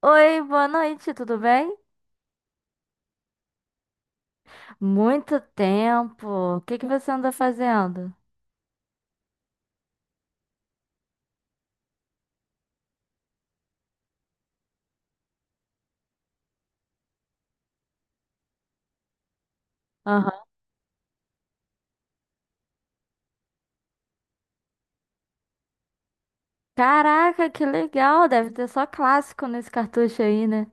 Oi, boa noite, tudo bem? Muito tempo. O que que você anda fazendo? Aham. Caraca, que legal! Deve ter só clássico nesse cartucho aí, né?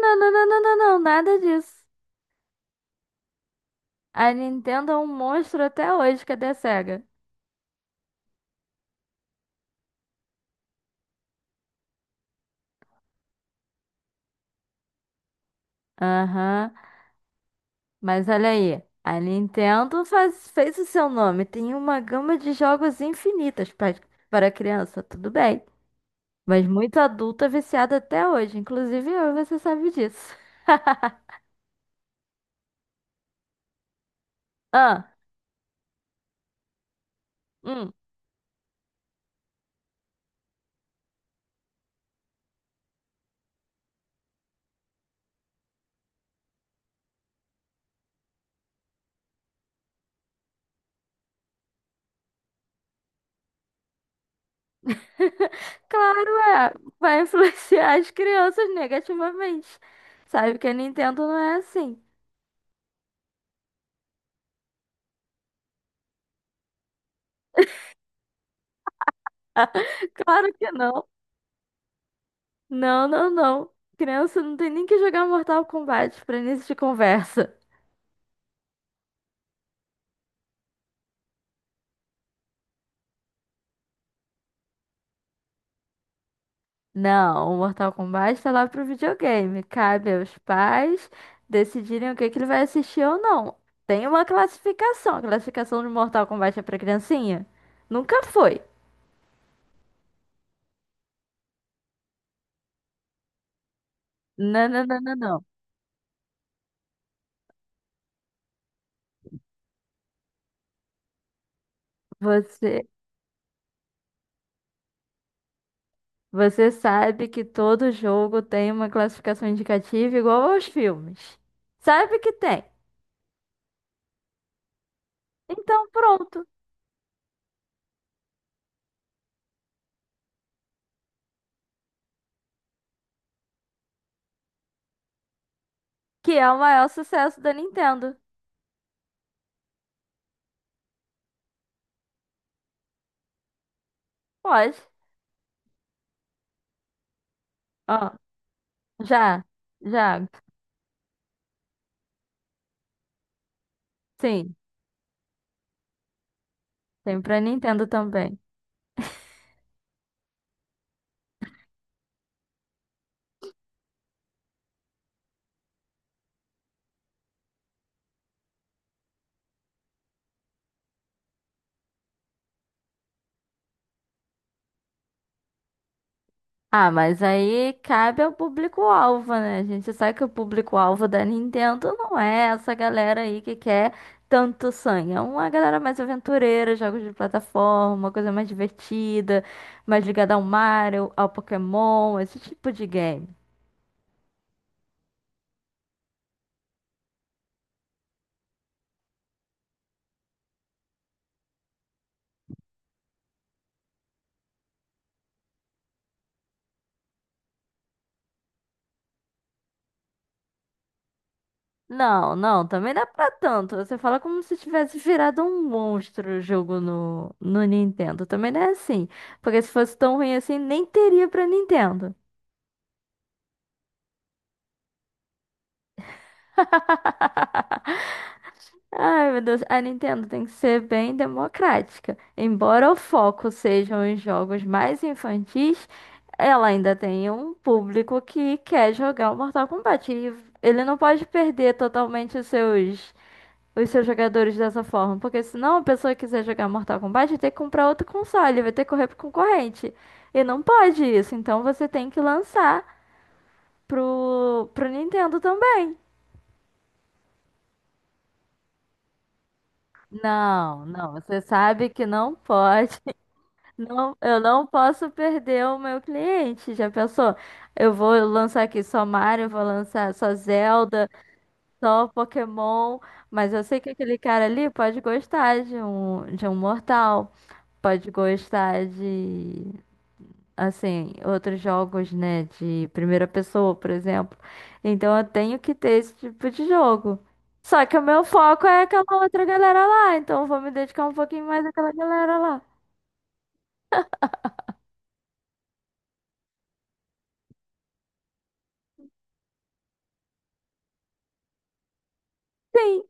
Não, não, não, não, não, não, nada disso. A Nintendo é um monstro até hoje, cadê a Sega? Aham. Mas olha aí, a Nintendo fez o seu nome. Tem uma gama de jogos infinitas para criança, tudo bem. Mas muito adulta viciada até hoje, inclusive eu, você sabe disso. Ah. Hum. Claro, é. Vai influenciar as crianças negativamente. Sabe que a Nintendo não é assim. Claro que não. Não, não, não. Criança não tem nem que jogar Mortal Kombat pra início de conversa. Não, o Mortal Kombat tá lá pro videogame. Cabe aos pais decidirem o que que ele vai assistir ou não. Tem uma classificação. A classificação de Mortal Kombat é pra criancinha? Nunca foi. Não, não, não, não, não. Você. Você sabe que todo jogo tem uma classificação indicativa igual aos filmes. Sabe que tem. Então, pronto. Que é o maior sucesso da Nintendo. Pode. Ó, já. Já. Sim. Tem pra Nintendo também. Ah, mas aí cabe ao público-alvo, né? A gente sabe que o público-alvo da Nintendo não é essa galera aí que quer tanto sangue. É uma galera mais aventureira, jogos de plataforma, uma coisa mais divertida, mais ligada ao Mario, ao Pokémon, esse tipo de game. Não, não, também dá é pra tanto. Você fala como se tivesse virado um monstro o jogo no Nintendo. Também não é assim. Porque se fosse tão ruim assim, nem teria pra Nintendo. Ai, meu Deus, a Nintendo tem que ser bem democrática. Embora o foco sejam os jogos mais infantis, ela ainda tem um público que quer jogar o Mortal Kombat. E ele não pode perder totalmente os seus jogadores dessa forma, porque senão a pessoa que quiser jogar Mortal Kombat vai ter que comprar outro console, vai ter que correr pro concorrente. E não pode isso, então você tem que lançar pro Nintendo também. Não, não, você sabe que não pode. Não, eu não posso perder o meu cliente. Já pensou? Eu vou lançar aqui só Mario, vou lançar só Zelda, só Pokémon, mas eu sei que aquele cara ali pode gostar de um Mortal, pode gostar de assim, outros jogos, né, de primeira pessoa, por exemplo. Então eu tenho que ter esse tipo de jogo. Só que o meu foco é aquela outra galera lá, então eu vou me dedicar um pouquinho mais àquela galera lá. Sim.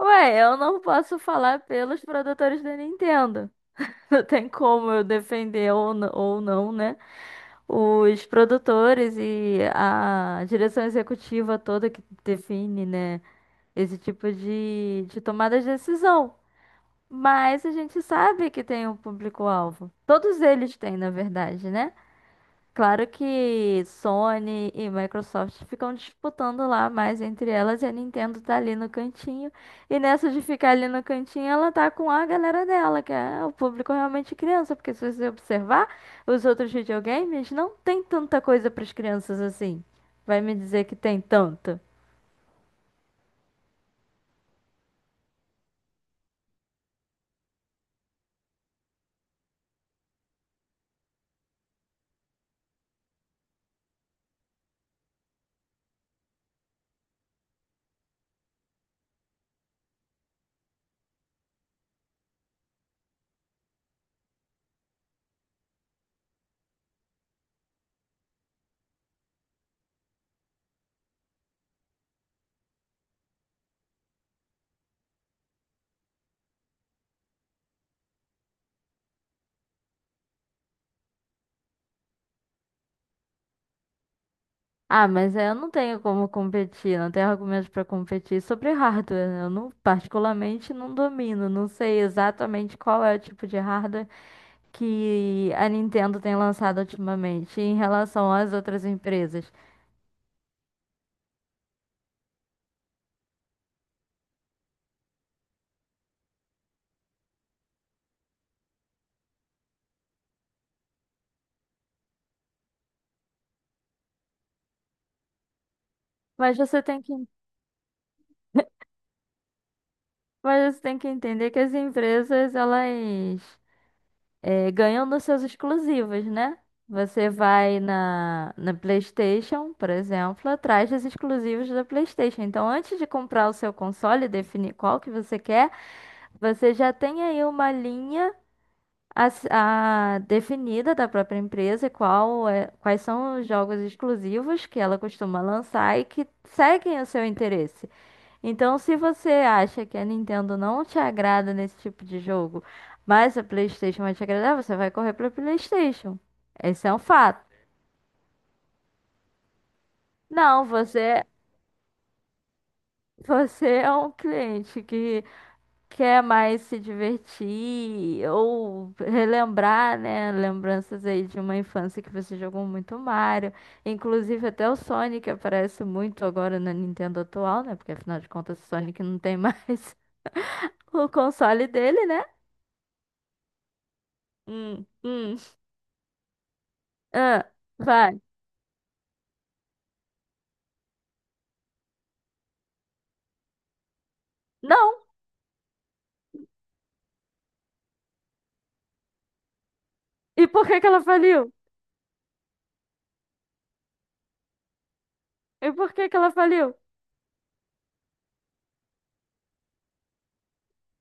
Ué, eu não posso falar pelos produtores da Nintendo. Não tem como eu defender ou não, né? Os produtores e a direção executiva toda que define, né? Esse tipo de tomada de decisão. Mas a gente sabe que tem um público-alvo. Todos eles têm, na verdade, né? Claro que Sony e Microsoft ficam disputando lá mais entre elas e a Nintendo tá ali no cantinho. E nessa de ficar ali no cantinho, ela tá com a galera dela, que é o público realmente criança, porque se você observar os outros videogames, não tem tanta coisa para as crianças assim. Vai me dizer que tem tanto. Ah, mas é, eu não tenho como competir, não tenho argumentos para competir sobre hardware, né? Eu não, particularmente não domino, não sei exatamente qual é o tipo de hardware que a Nintendo tem lançado ultimamente em relação às outras empresas. Mas você tem que, mas você tem que entender que as empresas elas ganham nos seus exclusivos, né? Você vai na PlayStation, por exemplo, atrás dos exclusivos da PlayStation. Então, antes de comprar o seu console e definir qual que você quer, você já tem aí uma linha A, s- a definida da própria empresa qual é, quais são os jogos exclusivos que ela costuma lançar e que seguem o seu interesse. Então, se você acha que a Nintendo não te agrada nesse tipo de jogo, mas a PlayStation vai te agradar, você vai correr para PlayStation. Esse é um fato. Não, você, você é um cliente que quer mais se divertir ou relembrar, né? Lembranças aí de uma infância que você jogou muito Mario. Inclusive até o Sonic aparece muito agora na Nintendo atual, né? Porque afinal de contas o Sonic não tem mais o console dele, né? Hum, hum. Ah, vai. Não! E por que que ela faliu? E por que que ela faliu?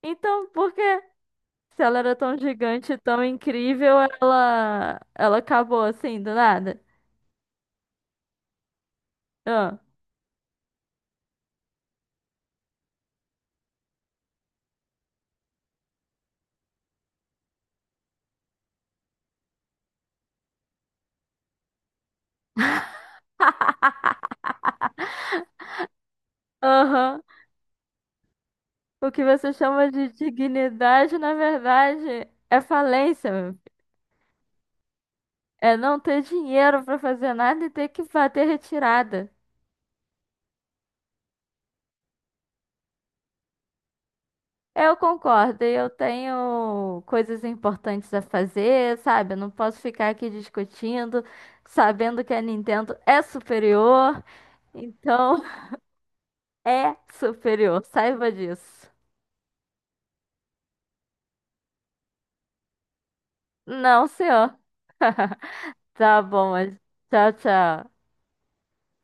Então, por quê? Se ela era tão gigante, tão incrível, ela acabou assim, do nada. Ah. Aham. O que você chama de dignidade, na verdade, é falência, meu filho. É não ter dinheiro para fazer nada e ter que fazer retirada. Eu concordo, e eu tenho coisas importantes a fazer, sabe? Eu não posso ficar aqui discutindo, sabendo que a Nintendo é superior. Então, é superior, saiba disso. Não, senhor. Tá bom, mas tchau, tchau.